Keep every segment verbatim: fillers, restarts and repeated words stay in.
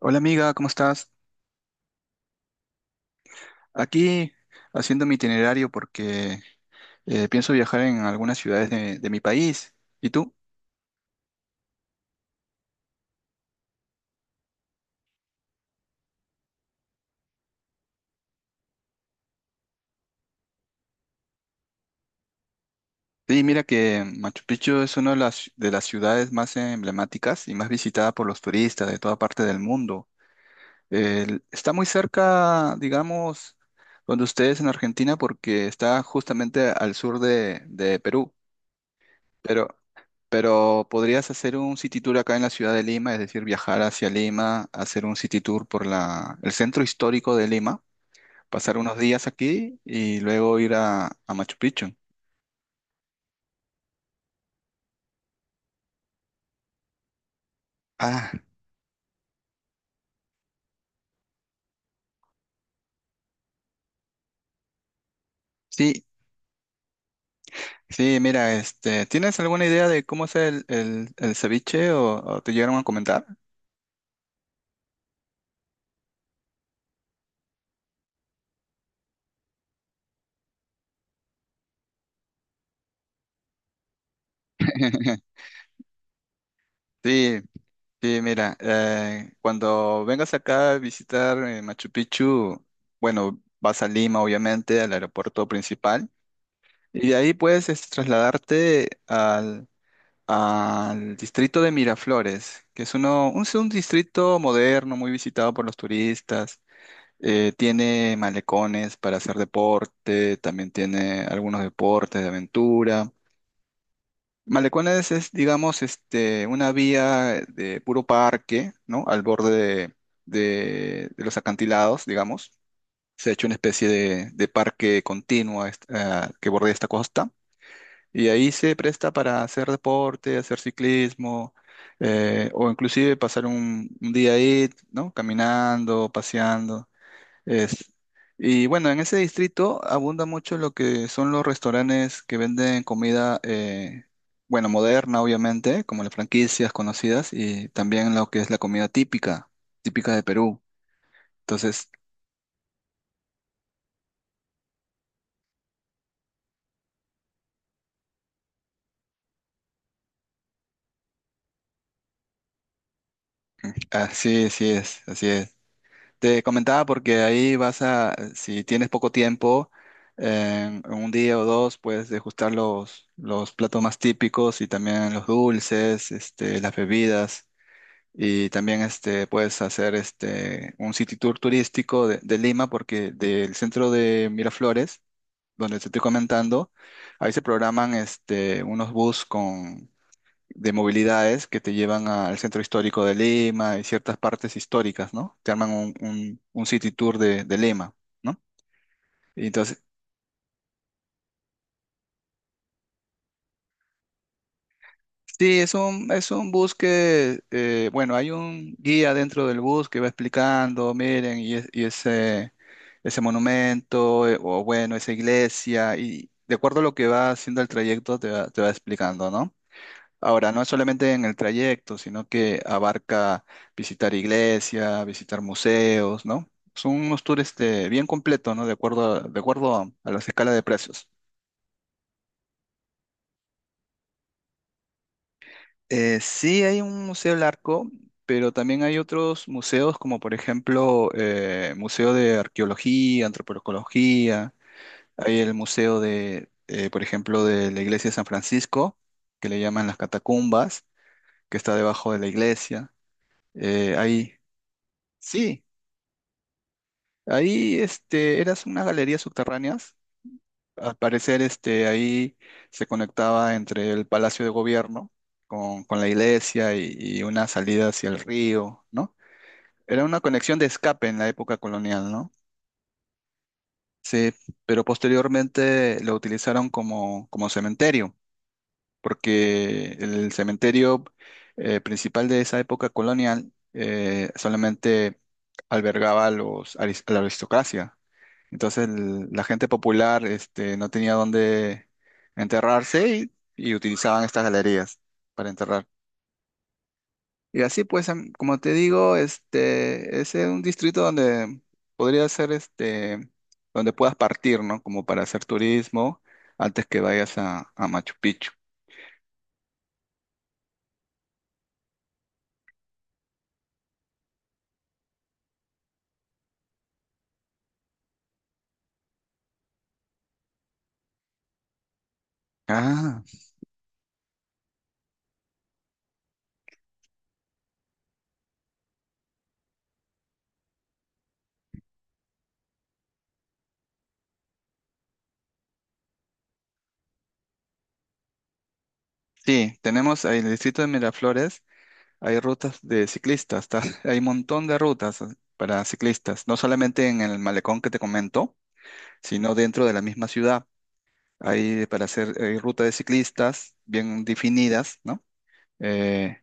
Hola amiga, ¿cómo estás? Aquí haciendo mi itinerario porque eh, pienso viajar en algunas ciudades de, de mi país. ¿Y tú? Sí, mira que Machu Picchu es una de las, de las ciudades más emblemáticas y más visitada por los turistas de toda parte del mundo. El- está muy cerca, digamos, donde ustedes en Argentina porque está justamente al sur de, de Perú. Pero Pero podrías hacer un city tour acá en la ciudad de Lima, es decir, viajar hacia Lima, hacer un city tour por la, el centro histórico de Lima, pasar unos días aquí y luego ir a, a Machu Picchu. Ah, sí, sí, mira, este, ¿tienes alguna idea de cómo es el, el, el ceviche o, o te llegaron a comentar? Sí, sí, mira, eh, cuando vengas acá a visitar eh, Machu Picchu, bueno, vas a Lima, obviamente, al aeropuerto principal. Y de ahí puedes es, trasladarte al, al distrito de Miraflores, que es uno, un, es un distrito moderno, muy visitado por los turistas. Eh, tiene malecones para hacer deporte, también tiene algunos deportes de aventura. Malecones es, digamos, este, una vía de puro parque, ¿no? Al borde de, de- de los acantilados, digamos. Se ha hecho una especie de, de parque continuo a est- a- que bordea esta costa. Y ahí se presta para hacer deporte, hacer ciclismo, eh, o inclusive pasar un, un día ahí, ¿no? Caminando, paseando. Es. Y bueno, en ese distrito abunda mucho lo que son los restaurantes que venden comida, eh, bueno, moderna, obviamente, como las franquicias conocidas, y también lo que es la comida típica, típica de Perú. Entonces, así, sí es, así es. Te comentaba porque ahí vas a, si tienes poco tiempo, eh, en un día o dos puedes degustar los, los platos más típicos y también los dulces, este, las bebidas y también este, puedes hacer este, un city tour turístico de, de Lima porque del centro de Miraflores, donde te estoy comentando, ahí se programan este, unos bus de movilidades que te llevan al centro histórico de Lima y ciertas partes históricas, ¿no? Te arman un, un- un city tour de, de Lima, ¿no? Y entonces, sí, es un, es un bus que, eh, bueno, hay un guía dentro del bus que va explicando, miren, y, es- y ese, ese monumento, eh, o bueno, esa iglesia, y de acuerdo a lo que va haciendo el trayecto, te va, te va explicando, ¿no? Ahora, no es solamente en el trayecto, sino que abarca visitar iglesia, visitar museos, ¿no? Son unos tours este, bien completos, ¿no? De acuerdo a, de acuerdo a, a las escalas de precios. Eh, sí hay un museo del arco, pero también hay otros museos, como por ejemplo eh, Museo de Arqueología, Antropología, hay el Museo de, eh, por ejemplo, de la Iglesia de San Francisco, que le llaman las Catacumbas, que está debajo de la iglesia. Eh, hay, sí, ahí este, eras unas galerías subterráneas. Al parecer, este, ahí se conectaba entre el Palacio de Gobierno con, con la iglesia y, y una salida hacia el río, ¿no? Era una conexión de escape en la época colonial, ¿no? Sí, pero posteriormente lo utilizaron como, como cementerio, porque el cementerio eh, principal de esa época colonial eh, solamente albergaba a los, aris- a la aristocracia. Entonces el- la gente popular este, no tenía dónde enterrarse y, y utilizaban estas galerías para enterrar. Y así pues, em, como te digo, este, es un distrito donde podría ser este, donde puedas partir, ¿no? Como para hacer turismo antes que vayas a, a Machu Picchu. Ah, sí, tenemos ahí en el distrito de Miraflores, hay rutas de ciclistas, ta- hay un montón de rutas eh, para ciclistas, no solamente en el malecón que te comento, sino dentro de la misma ciudad. Hay para hacer eh, ruta de ciclistas bien definidas, ¿no? Eh,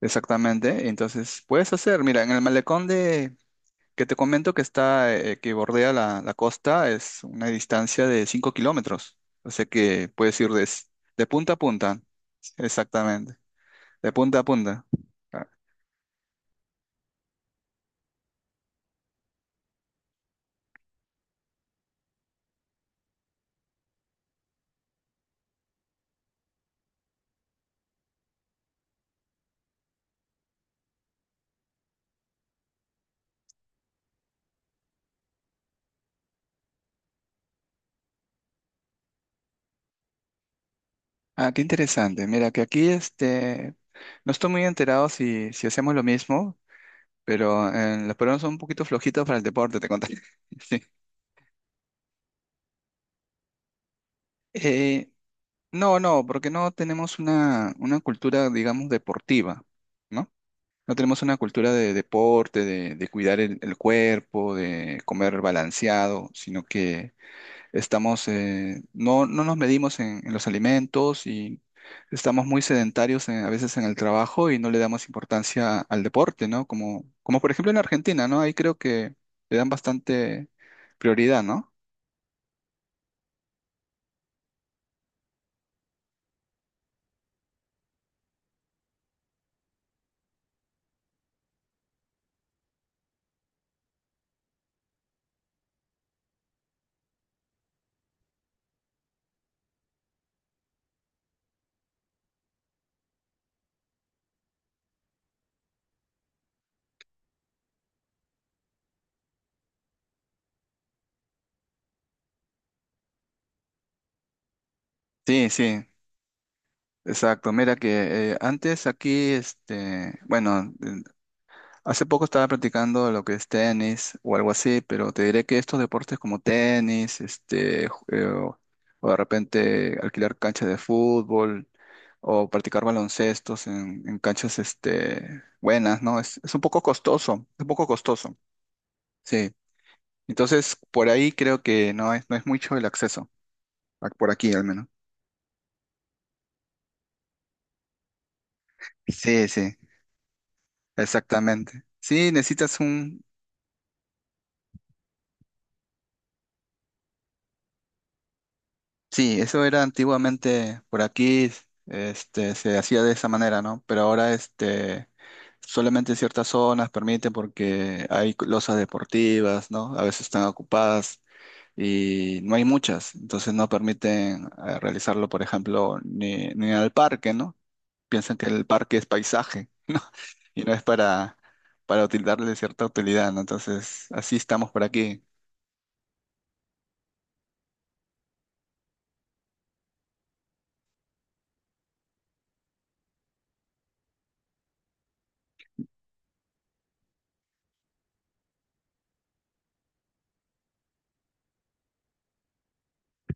Exactamente. Entonces, puedes hacer, mira, en el malecón de, que te comento que está, eh, que bordea la, la costa, es una distancia de cinco kilómetros. O sea que puedes ir de, s- de punta a punta, exactamente, de punta a punta. Ah, ah, Qué interesante. Mira, que aquí este, no estoy muy enterado si, si hacemos lo mismo. Pero eh, los peruanos son un poquito flojitos para el deporte, te contaré. Sí. Eh, no, no, porque no tenemos una, una cultura, digamos, deportiva, ¿no? No tenemos una cultura de deporte, de, de cuidar el, el cuerpo, de comer balanceado, sino que estamos, eh, no, no nos medimos en, en los alimentos y estamos muy sedentarios en- a veces en el trabajo y no le damos importancia al deporte, ¿no? Como, como por ejemplo en Argentina, ¿no? Ahí creo que le dan bastante prioridad, ¿no? Sí, sí, exacto. Mira que eh, antes aquí, este, bueno, hace poco estaba practicando lo que es tenis o algo así, pero te diré que estos deportes como tenis, este, ju- eh, o, o de repente alquilar canchas de fútbol o practicar baloncestos en, en canchas, este, buenas, ¿no? Es, es un poco costoso, es un poco costoso, sí. Entonces, por ahí creo que no es, no es mucho el acceso, a- por aquí al menos. Sí, sí, exactamente. Sí, necesitas un. Sí, eso era antiguamente por aquí, este, se hacía de esa manera, ¿no? Pero ahora, este, solamente ciertas zonas permiten porque hay losas deportivas, ¿no? A veces están ocupadas y no hay muchas, entonces no permiten eh, realizarlo, por ejemplo, ni, ni al parque, ¿no? Piensan que el parque es paisaje, ¿no? Y no es para, para util- darle cierta utilidad, ¿no? Entonces, así estamos por aquí.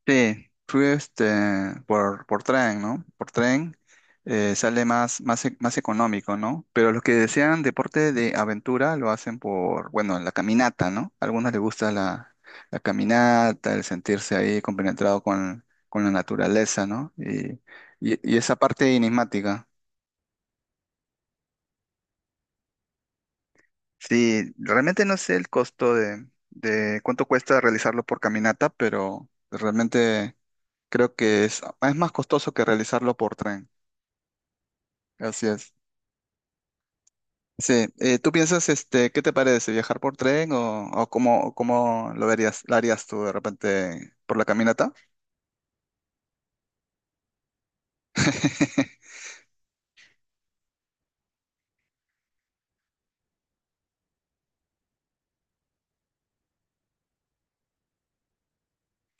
Sí, fui este, por, por tren, ¿no? Por tren eh, sale más, más, e- más económico, ¿no? Pero los que desean deporte de aventura lo hacen por, bueno, la caminata, ¿no? A algunos les gusta la, la caminata, el sentirse ahí compenetrado con, con la naturaleza, ¿no? Y, y, y esa parte enigmática. Sí, realmente no sé el costo de, de cuánto cuesta realizarlo por caminata, pero realmente creo que es, es más costoso que realizarlo por tren. Así es. Sí, eh, ¿tú piensas, este, qué te parece, viajar por tren o, o cómo, cómo lo verías, lo harías tú de repente por la caminata?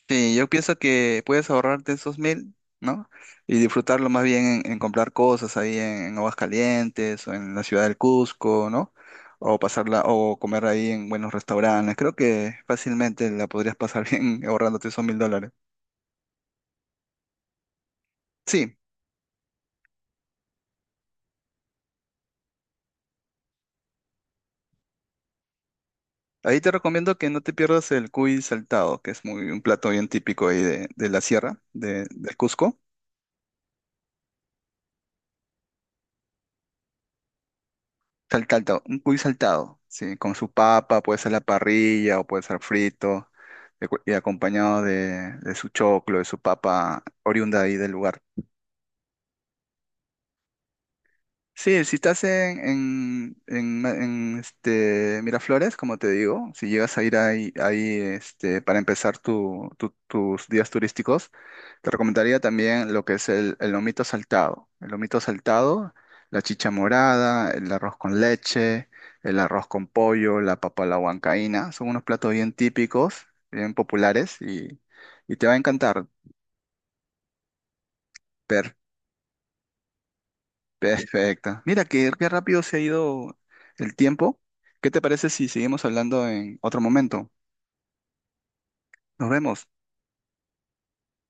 Sí, yo pienso que puedes ahorrarte esos mil, ¿no? Y disfrutarlo más bien en, en comprar cosas ahí en Aguascalientes o en la ciudad del Cusco, ¿no? O pasarla, o comer ahí en buenos restaurantes. Creo que fácilmente la podrías pasar bien ahorrándote esos mil dólares. Sí, ahí te recomiendo que no te pierdas el cuy saltado, que es muy un plato bien típico ahí de, de la sierra, de, del Cusco. Sal- Saltado, un cuy saltado, sí, con su papa, puede ser la parrilla o puede ser frito, de cu- y acompañado de, de su choclo, de su papa oriunda ahí del lugar. Sí, si estás en, en, en, Ma- en, este, Miraflores, como te digo, si llegas a ir ahí, ahí este, para empezar tu- tu- tus días turísticos, te recomendaría también lo que es el, el lomito saltado. El lomito saltado, la chicha morada, el arroz con leche, el arroz con pollo, la papa a la huancaína, son unos platos bien típicos, bien populares y, y te va a encantar. Perfecto. Mira, qué, qué rápido se ha ido el tiempo. ¿Qué te parece si seguimos hablando en otro momento? Nos vemos.